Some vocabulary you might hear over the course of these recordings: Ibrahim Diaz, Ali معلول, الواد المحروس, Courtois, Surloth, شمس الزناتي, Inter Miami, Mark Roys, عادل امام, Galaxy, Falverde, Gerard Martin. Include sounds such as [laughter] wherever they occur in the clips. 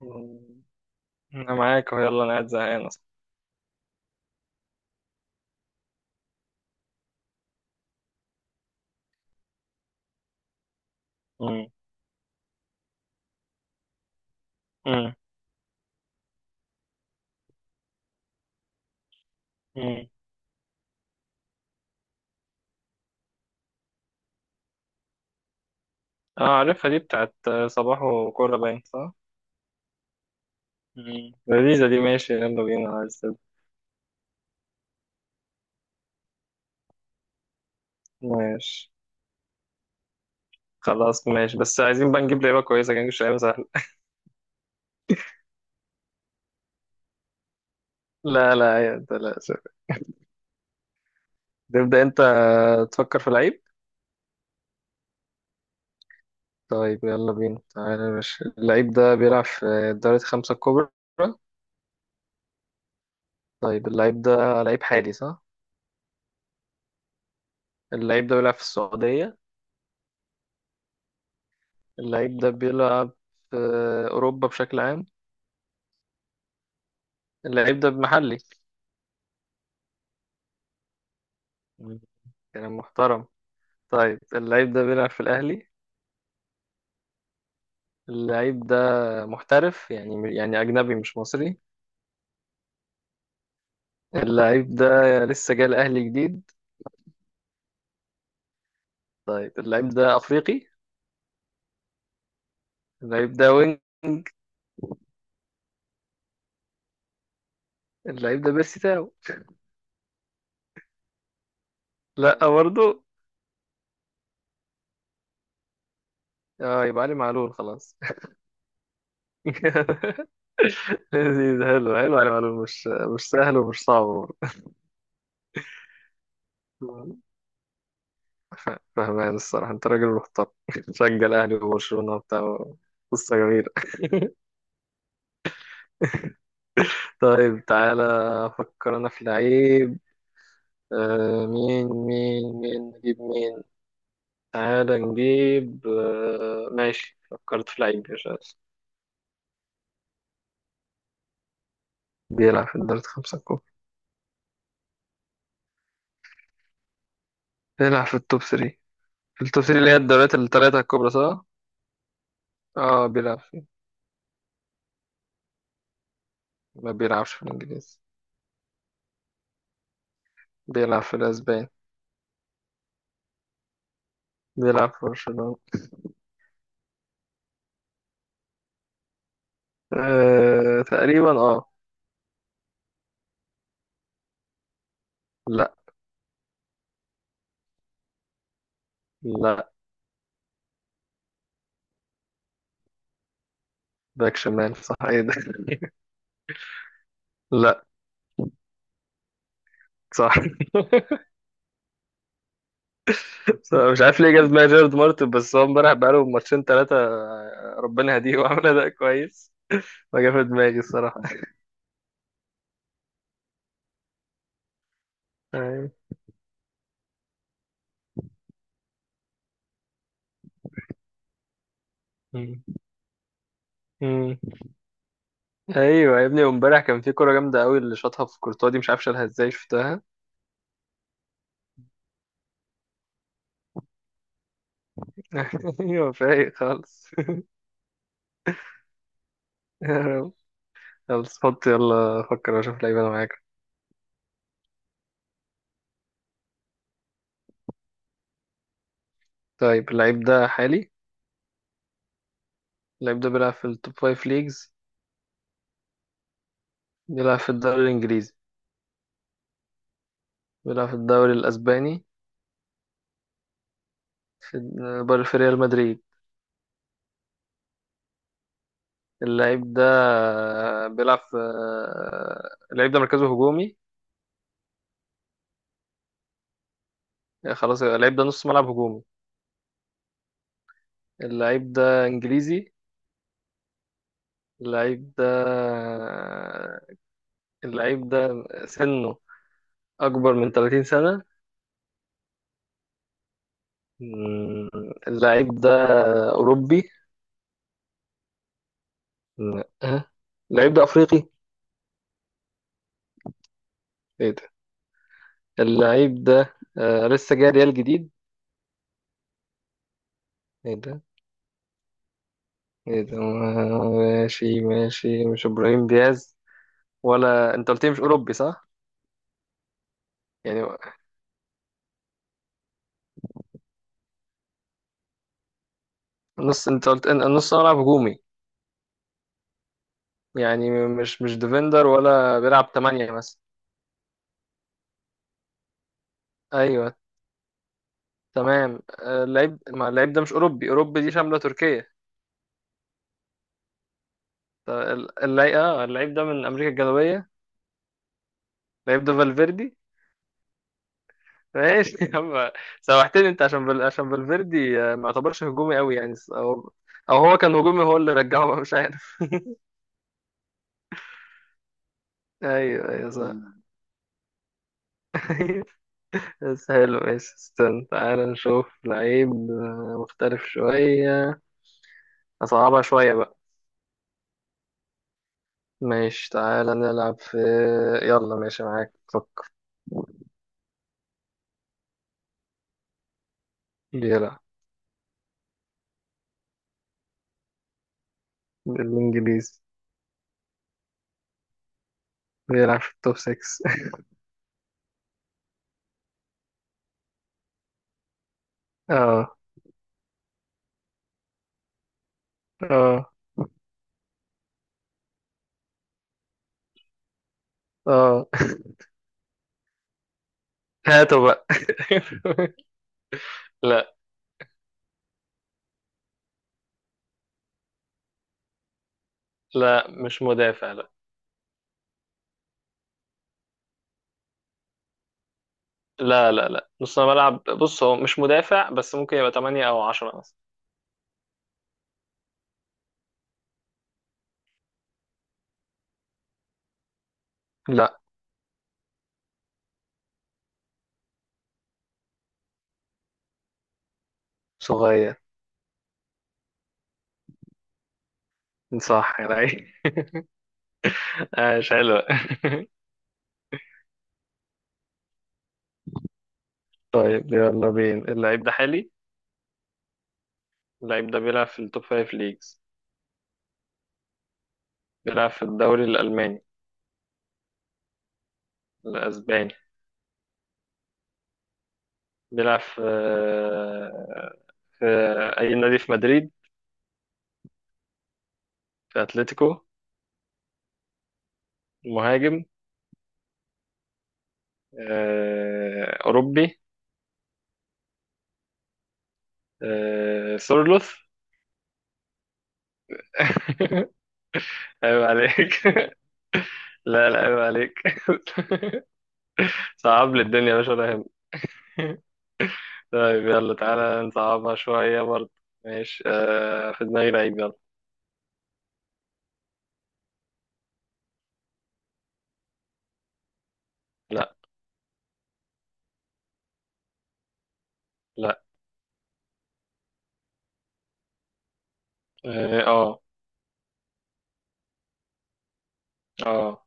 مم. انا معاك، يلا انا قاعد زهقان اصلا. مم. مم. مم. اه، عارفها دي بتاعت صباح وكورة، باين صح؟ مم. لذيذة دي، ماشي يلا بينا، عايز ماشي. خلاص ماشي، بس عايزين بقى نجيب لعيبة كويسة، كان نجيب لعيبة سهلة. لا لا يا ده، لا شوف. تبدأ انت. تفكر في لعيب. طيب يلا بينا، تعالى يا باشا. اللعيب ده بيلعب في الدوري الخمسة الكبرى؟ طيب اللعيب ده لعيب حالي صح؟ اللعيب ده بيلعب في السعودية؟ اللعيب ده بيلعب في أوروبا بشكل عام؟ اللعيب ده بمحلي. مم. كلام محترم. طيب اللعيب ده بيلعب في الأهلي؟ اللعيب ده محترف، يعني أجنبي مش مصري؟ اللعيب ده لسه جاي الأهلي جديد؟ طيب اللعيب ده أفريقي؟ اللعيب ده وينج؟ اللعيب ده بيرسي تاو؟ لا لا برضه. اه يبقى علي معلول، خلاص. [laughs] لذيذ، حلو حلو، علي معلول، مش سهل ومش صعب. برضه. ف- فهمان الصراحة، انت راجل محترم. [laughs] تشجع الأهلي وبرشلونة وبتاع. قصة جميلة. طيب تعالى، أفكر أنا في لعيب. مين نجيب مين؟ تعالى نجيب. ماشي، فكرت في لعيب يا شاس. بيلعب في الدوريات الخمسة الكبرى. بيلعب في التوب 3. في التوب 3 اللي هي الدوريات الثلاثة الكبرى صح؟ اه بيلعب فيه. ما بيلعبش في الإنجليزي. بيلعب في الأسبان. بيلعب في برشلونة. آه تقريبا، اه. لا لا. باك شمال صح؟ ايه ده. [laughs] لا. صح. [laughs] مش عارف ليه جاب دماغي جيرارد مارتن، بس هو امبارح بقاله ماتشين ثلاثة، ربنا يهديه، وعمل أداء كويس، فجاب في دماغي الصراحة. أيوة. مم. مم. أيوة يا ابني، وامبارح كان في كورة جامدة قوي اللي شاطها في كورتوا دي، مش عارف شالها ازاي شفتها. [laughs] أيوة، فايق خالص. [laughs] يا رب. خلاص، حط يلا، فكر وأشوف لعيب أنا معاك. طيب اللعيب ده حالي؟ اللعيب ده بيلعب في التوب فايف ليجز؟ بيلعب في الدوري الإنجليزي؟ بيلعب في الدوري الأسباني؟ في في ريال مدريد؟ اللعيب ده بيلعب في. اللعيب ده مركزه هجومي؟ خلاص يبقى اللعيب ده نص ملعب هجومي. اللعيب ده انجليزي؟ اللعيب ده اللعيب ده سنه اكبر من 30 سنة؟ مم. اللعيب ده اوروبي؟ لا. أه. اللعيب ده افريقي؟ ايه ده. اللعيب ده لسه جاي ريال جديد؟ ايه ده. ايه ده. ماشي ماشي، مش ابراهيم دياز؟ ولا انت قلت لي مش اوروبي صح. يعني نص، انت قلت ان نص ملعب هجومي. يعني مش ديفندر ولا بيلعب 8 مثلا؟ ايوه. تمام. اللعيب ده مش اوروبي. اوروبي دي شاملة تركيا؟ اللعيب ده من امريكا الجنوبية؟ اللعيب ده فالفيردي؟ [laughs] ماشي يا عم. سوحتني انت، عشان عشان فالفيردي، ما يعتبرش هجومي قوي يعني. او هو كان هجومي، هو اللي رجعه بقى مش عارف. [laughs] ايوه ايوه، صح. [laughs] مم. بس حلو ماشي. استنى، تعالى نشوف لعيب مختلف شوية. أصعبها شوية بقى. ماشي تعالى نلعب في. يلا ماشي معاك، فك. بيلعب. بالإنجليزي. بيلعب في التوب 6. [laughs] اه. اه. اه. هاتوا بقى. [laughs] لا لا، مش مدافع، لا. لا لا لا، نص ملعب، بص هو مش مدافع، بس ممكن يبقى 8 أو 10 مثلا. لا. صغير. صح يا لعيب. [laughs] عاش، حلو. [laughs] طيب يلا بينا. اللعيب ده حالي؟ اللعيب ده بيلعب في التوب 5 ليجز؟ بيلعب في الدوري الألماني؟ الأسباني؟ بيلعب في أي نادي في مدريد؟ في أتلتيكو؟ مهاجم؟ أوروبي؟ سورلوث؟ [laughs] عيب عليك. [laughs] لا لا، عيب عليك. [laughs] صعب لي الدنيا يا باشا ولا يهمك. [laughs] طيب يلا تعالى نصعبها شوية برضه. ماشي، في دماغي لعيب، يلا. لا. لا. اه. اه. آه.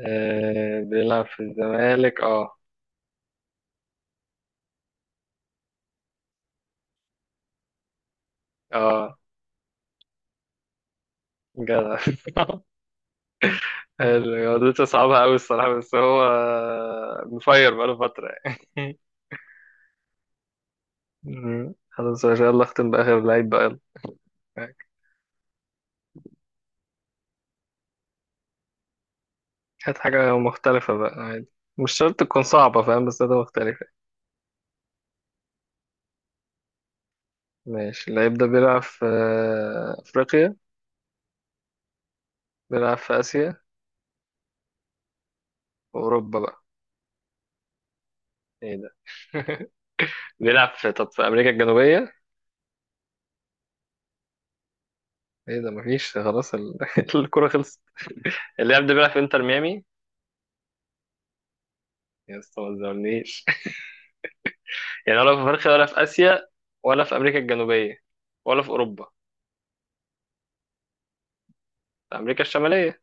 بيلعب في الزمالك، اه. اه. جدع. [laughs] رياضته صعبة أوي الصراحة، بس هو مفير بقاله فترة يعني. [laughs] مم. خلاص ما شاء الله، اختم بآخر لعيب بقى. يلا. هات حاجة مختلفة بقى، عادي مش شرط تكون صعبة فاهم، بس ده مختلفة. ماشي اللعيب ده بيلعب في أفريقيا؟ بيلعب في آسيا؟ وأوروبا بقى؟ ايه ده. [laughs] بيلعب في، طب، في أمريكا الجنوبية؟ ايه ده. مفيش خلاص [laughs] الكرة خلصت. اللاعب ده بيلعب في انتر ميامي؟ يا اسطى ما تزعلنيش، يعني ولا في افريقيا، ولا في اسيا، ولا في امريكا الجنوبيه، ولا في اوروبا. في امريكا الشماليه؟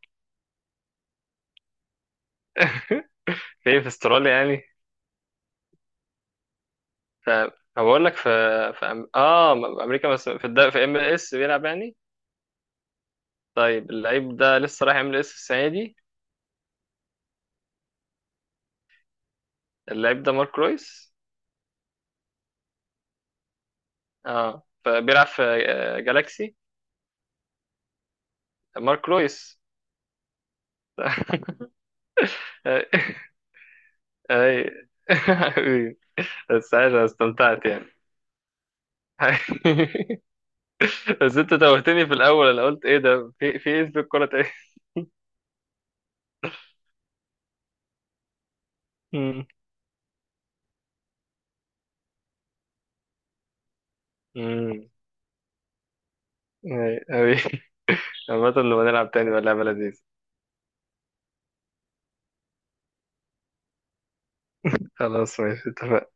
[laughs] فين، في استراليا يعني. ف فبقول لك في. في امريكا، بس في في ام ال اس بيلعب يعني. طيب اللعيب ده لسه رايح ام ال اس السنه دي؟ اللعيب ده مارك رويس؟ اه فبيلعب في جالاكسي. مارك رويس. [laughs] اي. أي. [laughs] بس عايش، أنا استمتعت يعني. [laughs] بس انت توهتني في الاول، انا قلت ايه ده، في ايه، في الكوره؟ تاني. امم اي أوي. [laughs] عامة لما نلعب تاني بقى، لعبة لذيذة. خلاص ماشي، اتفقنا.